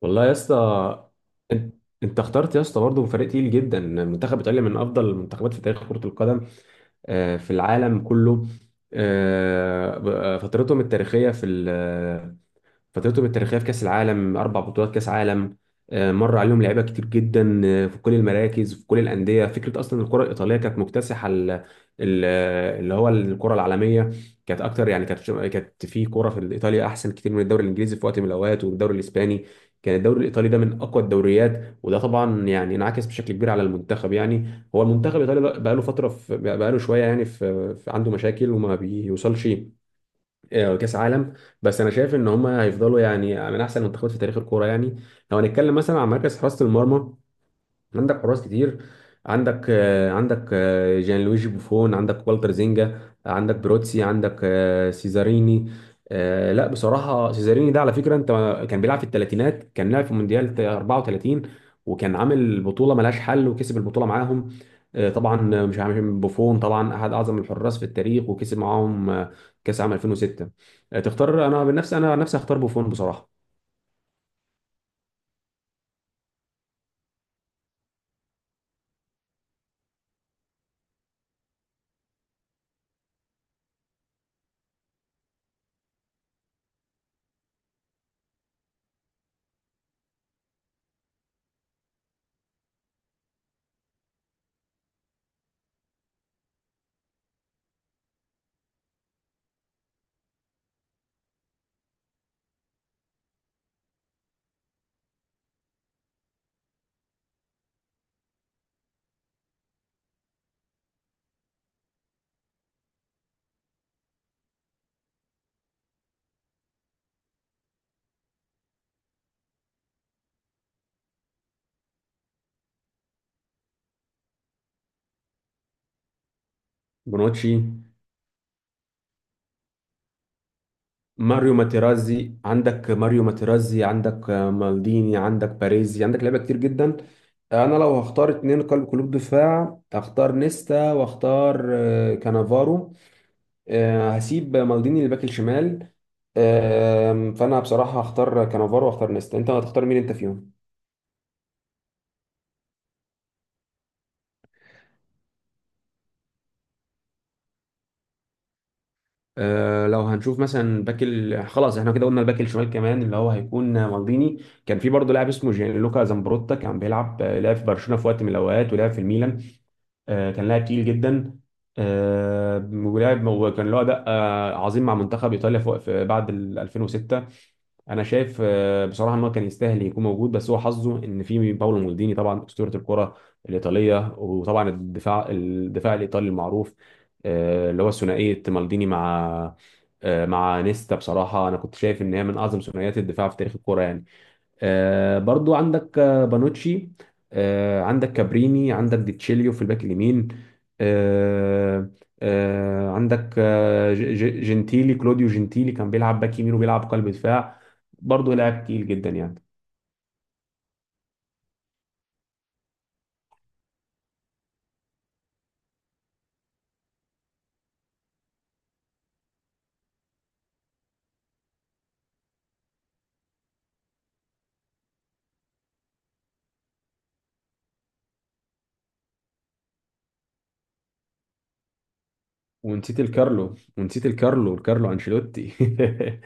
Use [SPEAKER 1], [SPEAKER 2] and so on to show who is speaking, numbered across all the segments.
[SPEAKER 1] والله يا اسطى، انت انت اخترت يا اسطى برضه فريق تقيل جدا. منتخب ايطاليا من افضل المنتخبات في تاريخ كرة القدم في العالم كله. فترتهم التاريخية في فترتهم التاريخيه في كاس العالم، اربع بطولات كاس عالم. مر عليهم لعيبه كتير جدا في كل المراكز، في كل الانديه. فكره اصلا الكره الايطاليه كانت مكتسحه ال- اللي هو الكره العالميه، كانت اكتر. يعني كانت في كره في ايطاليا احسن كتير من الدوري الانجليزي في وقت من الاوقات، والدوري الاسباني. كان الدوري الايطالي ده من اقوى الدوريات، وده طبعا يعني انعكس بشكل كبير على المنتخب. يعني هو المنتخب الايطالي بقى له فتره، بقى له شويه يعني عنده مشاكل وما بيوصلش كاس عالم. بس انا شايف ان هم هيفضلوا يعني من احسن المنتخبات في تاريخ الكوره يعني. لو هنتكلم مثلا عن مركز حراسه المرمى، عندك حراس كتير. عندك جان لويجي بوفون، عندك والتر زينجا، عندك بروتسي، عندك سيزاريني. لا بصراحة سيزاريني ده على فكرة، انت، كان بيلعب في الثلاثينات، كان لعب في مونديال 34 وكان عامل بطولة ملهاش حل وكسب البطولة معاهم. طبعا، مش عارف، بوفون طبعا احد اعظم الحراس في التاريخ، وكسب معاهم كاس عام 2006. تختار؟ انا بنفسي انا عن نفسي هختار بوفون بصراحة. بونوتشي، ماريو ماتيرازي، عندك مالديني، عندك باريزي، عندك لعيبه كتير جدا. انا لو هختار اتنين قلب، قلوب دفاع، هختار نيستا واختار كانافارو. هسيب مالديني الباك الشمال. فانا بصراحه هختار كانافارو واختار نيستا. انت هتختار مين انت فيهم؟ لو هنشوف مثلا باك خلاص احنا كده قلنا الباك الشمال كمان اللي هو هيكون مالديني. كان في برضه لاعب اسمه جيانلوكا زامبروتا، كان بيلعب لعب في برشلونه في وقت من الاوقات، ولعب في الميلان. كان لاعب تقيل جدا. ولعب وكان له اداء عظيم مع منتخب ايطاليا فوق- في بعد ال 2006. انا شايف بصراحه ان هو كان يستاهل يكون موجود، بس هو حظه ان في باولو مالديني طبعا، اسطوره الكره الايطاليه، وطبعا الدفاع، الايطالي المعروف اللي هو ثنائيه مالديني مع مع نيستا. بصراحه انا كنت شايف ان هي من اعظم ثنائيات الدفاع في تاريخ الكره يعني. برضو عندك بانوتشي، عندك كابريني، عندك ديتشيليو في الباك اليمين. آه، عندك جنتيلي، كلوديو جنتيلي، كان بيلعب باك يمين وبيلعب قلب دفاع. برضو لاعب تقيل جدا يعني. ونسيت الكارلو، ونسيت الكارلو، الكارلو انشيلوتي.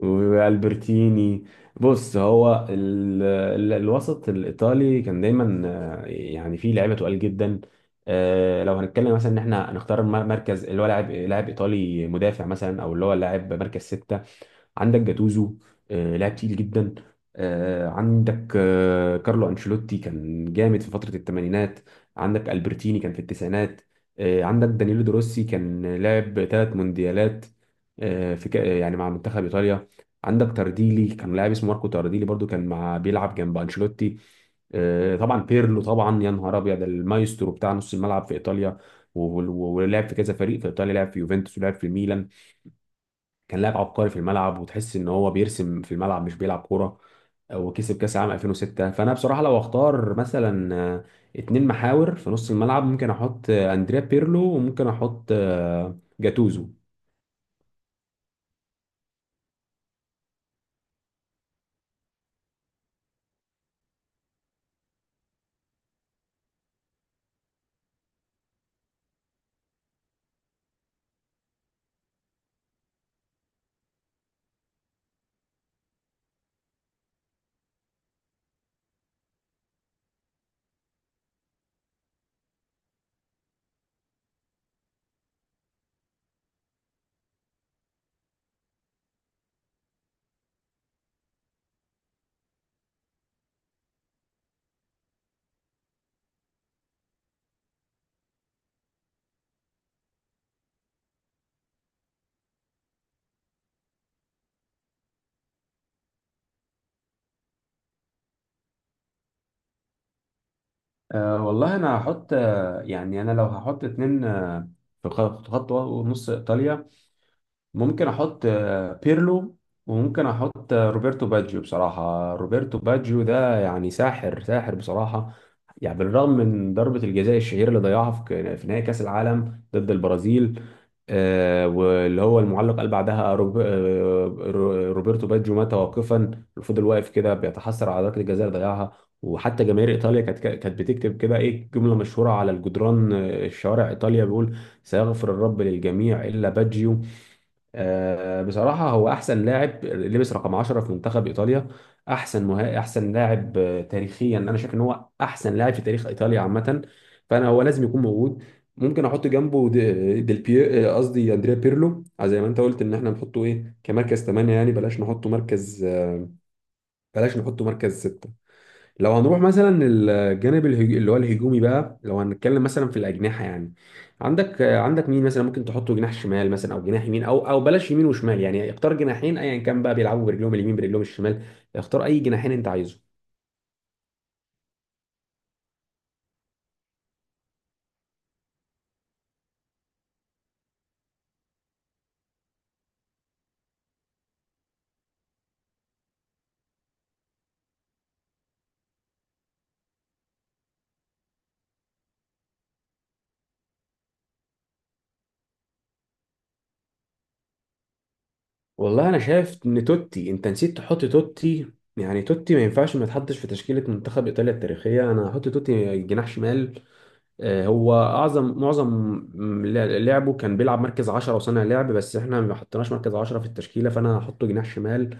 [SPEAKER 1] والبرتيني. بص، هو الوسط الايطالي كان دايما يعني فيه لعيبه تقال جدا. لو هنتكلم مثلا ان احنا هنختار مركز، اللي هو لاعب ايطالي مدافع مثلا، او اللي هو لاعب مركز سته، عندك جاتوزو لاعب تقيل جدا. عندك كارلو انشيلوتي كان جامد في فترة الثمانينات. عندك البرتيني كان في التسعينات. عندك دانيلو دروسي كان لاعب ثلاث مونديالات يعني مع منتخب ايطاليا. عندك تارديلي، كان لاعب اسمه ماركو تارديلي، برضو كان بيلعب جنب انشيلوتي. طبعا بيرلو، طبعا يا نهار ابيض، ده المايسترو بتاع نص الملعب في ايطاليا، ولعب في كذا فريق في ايطاليا، لعب في يوفنتوس ولعب في ميلان. كان لاعب عبقري في الملعب، وتحس ان هو بيرسم في الملعب مش بيلعب كوره، وكسب كاس العالم 2006. فانا بصراحه لو اختار مثلا اتنين محاور في نص الملعب، ممكن احط اندريا بيرلو، وممكن احط جاتوزو. أه والله انا هحط يعني انا لو هحط اتنين في خط نص ايطاليا، ممكن احط بيرلو، وممكن احط روبرتو باجيو. بصراحة روبرتو باجيو ده يعني ساحر، ساحر بصراحة. يعني بالرغم من ضربة الجزاء الشهيرة اللي ضيعها في نهائي كأس العالم ضد البرازيل، واللي هو المعلق قال بعدها: روبرتو باجيو مات واقفا. فضل واقف كده بيتحسر على ضربة الجزاء اللي ضيعها. وحتى جماهير ايطاليا كانت بتكتب كده ايه جملة مشهورة على الجدران الشوارع ايطاليا بيقول: سيغفر الرب للجميع الا باجيو. بصراحة هو أحسن لاعب لبس رقم 10 في منتخب إيطاليا. أحسن لاعب تاريخيا، أنا شايف إن هو أحسن لاعب في تاريخ إيطاليا عامة، فأنا هو لازم يكون موجود. ممكن أحط جنبه دي- ديل بي آه، قصدي أندريا بيرلو، زي ما أنت قلت إن إحنا نحطه إيه كمركز 8. يعني بلاش نحطه مركز ستة. لو هنروح مثلا الجانب اللي هو الهجومي بقى، لو هنتكلم مثلا في الاجنحه يعني، عندك مين مثلا ممكن تحطه جناح شمال مثلا، او جناح يمين، او بلاش يمين وشمال، يعني اختار جناحين ايا كان بقى، بيلعبوا برجلهم اليمين برجلهم الشمال، اختار اي جناحين انت عايزه. والله انا شايف ان توتي، انت نسيت تحط توتي. يعني توتي ما ينفعش ما يتحطش في تشكيله منتخب ايطاليا التاريخيه. انا هحط توتي جناح شمال. هو اعظم، معظم لعبه كان بيلعب مركز 10 وصانع لعب، بس احنا ما حطيناش مركز 10 في التشكيله، فانا هحطه جناح شمال.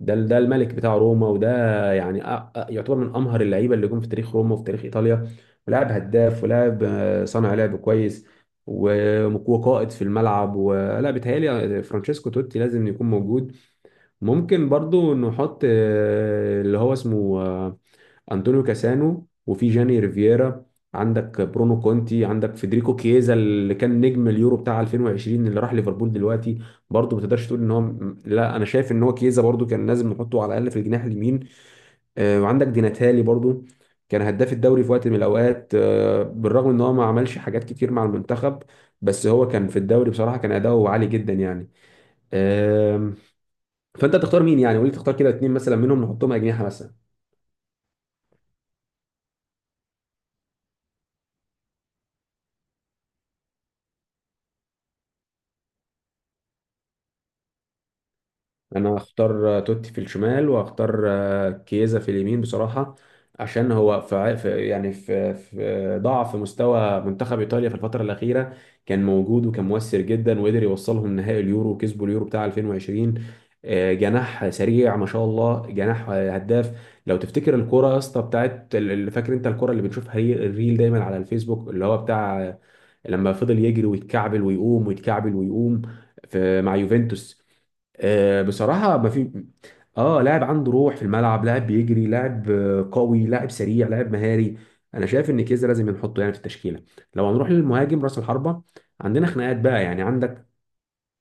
[SPEAKER 1] ده الملك بتاع روما، وده يعني يعتبر من امهر اللعيبه اللي جم في تاريخ روما وفي تاريخ ايطاليا، ولاعب هداف، ولاعب صانع لعب كويس، و- وقائد في الملعب، ولا بيتهيألي؟ فرانشيسكو توتي لازم يكون موجود. ممكن برضو نحط اللي هو اسمه أنطونيو كاسانو، وفي جاني ريفيرا، عندك برونو كونتي، عندك فيدريكو كيزا اللي كان نجم اليورو بتاع 2020 اللي راح ليفربول دلوقتي. برضه ما تقدرش تقول ان هو لا انا شايف ان هو كيزا برضه كان لازم نحطه على الاقل في الجناح اليمين. وعندك ديناتالي برضه، كان هداف الدوري في وقت من الاوقات. بالرغم ان هو ما عملش حاجات كتير مع المنتخب، بس هو كان في الدوري بصراحة كان اداؤه عالي جدا يعني. آم، فانت تختار مين يعني؟ قول لي تختار كده اتنين مثلا منهم نحطهم اجنحة مثلا. انا هختار توتي في الشمال، وهختار كيزا في اليمين بصراحة. عشان هو يعني في ضعف مستوى منتخب ايطاليا في الفترة الأخيرة كان موجود وكان مؤثر جدا، وقدر يوصلهم نهائي اليورو وكسبوا اليورو بتاع 2020. جناح سريع ما شاء الله، جناح هداف. لو تفتكر الكرة يا اسطى بتاعت اللي فاكر انت، الكرة اللي بنشوفها هي الريل دايما على الفيسبوك اللي هو بتاع لما فضل يجري ويتكعبل ويقوم ويتكعبل ويقوم في مع يوفنتوس. بصراحة ما في، اه، لاعب عنده روح في الملعب، لاعب بيجري، لاعب قوي، لاعب سريع، لاعب مهاري. انا شايف ان كيزا لازم نحطه يعني في التشكيلة. لو هنروح للمهاجم راس الحربة، عندنا خناقات بقى يعني. عندك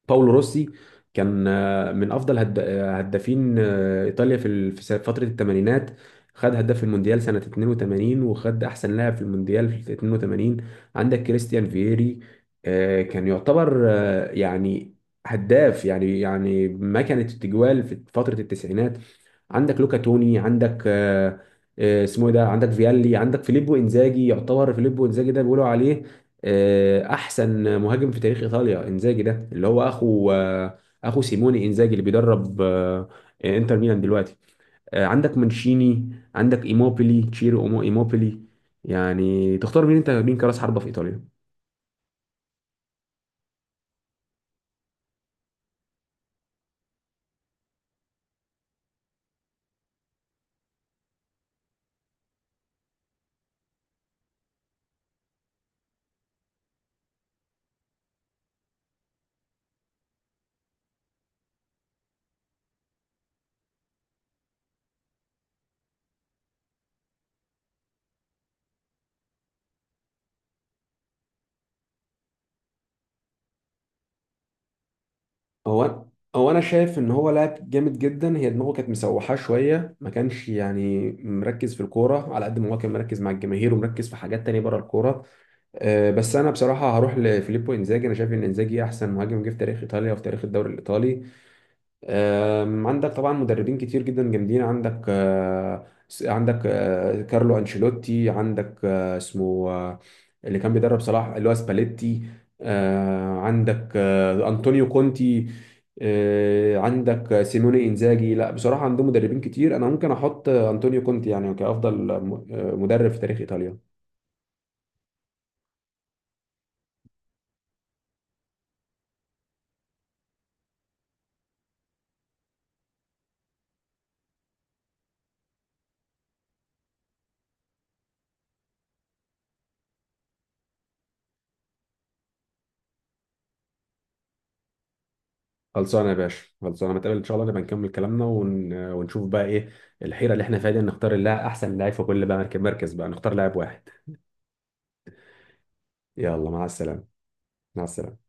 [SPEAKER 1] باولو روسي كان من افضل هدافين ايطاليا في فتره الثمانينات. خد هداف المونديال سنه 82، وخد احسن لاعب في المونديال في 82. عندك كريستيان فييري كان يعتبر هداف يعني، ما كانت التجوال في فتره التسعينات. عندك لوكا توني، عندك آه، آه، اسمه إيه ده عندك فيالي، عندك فيليبو انزاجي. يعتبر فيليبو انزاجي ده بيقولوا عليه احسن مهاجم في تاريخ ايطاليا. انزاجي ده اللي هو اخو اخو سيموني انزاجي اللي بيدرب انتر ميلان دلوقتي. عندك مانشيني، عندك ايموبيلي، تشيرو ايموبيلي. يعني تختار مين انت مين كراس حربة في ايطاليا؟ هو هو انا شايف ان هو لاعب جامد جدا، هي دماغه كانت مسوحاه شويه، ما كانش يعني مركز في الكوره على قد ما هو كان مركز مع الجماهير ومركز في حاجات تانية بره الكوره. بس انا بصراحه هروح لفيليبو انزاجي. انا شايف ان انزاجي احسن مهاجم جه في تاريخ ايطاليا وفي تاريخ الدوري الايطالي. عندك طبعا مدربين كتير جدا جامدين. عندك كارلو انشيلوتي، عندك آه، اسمه آه، اللي كان بيدرب صلاح اللي هو سباليتي، عندك انطونيو كونتي، عندك سيموني انزاجي. لا بصراحه عندهم مدربين كتير، انا ممكن احط انطونيو كونتي يعني كافضل مدرب في تاريخ ايطاليا. خلصانه يا باشا، خلصانه، نتقابل ان شاء الله، نبقى نكمل كلامنا ونشوف بقى ايه الحيره اللي احنا فيها دي، نختار اللاعب، احسن لاعب في كل بقى مركز بقى، نختار لاعب واحد. يلا مع السلامه. مع السلامه.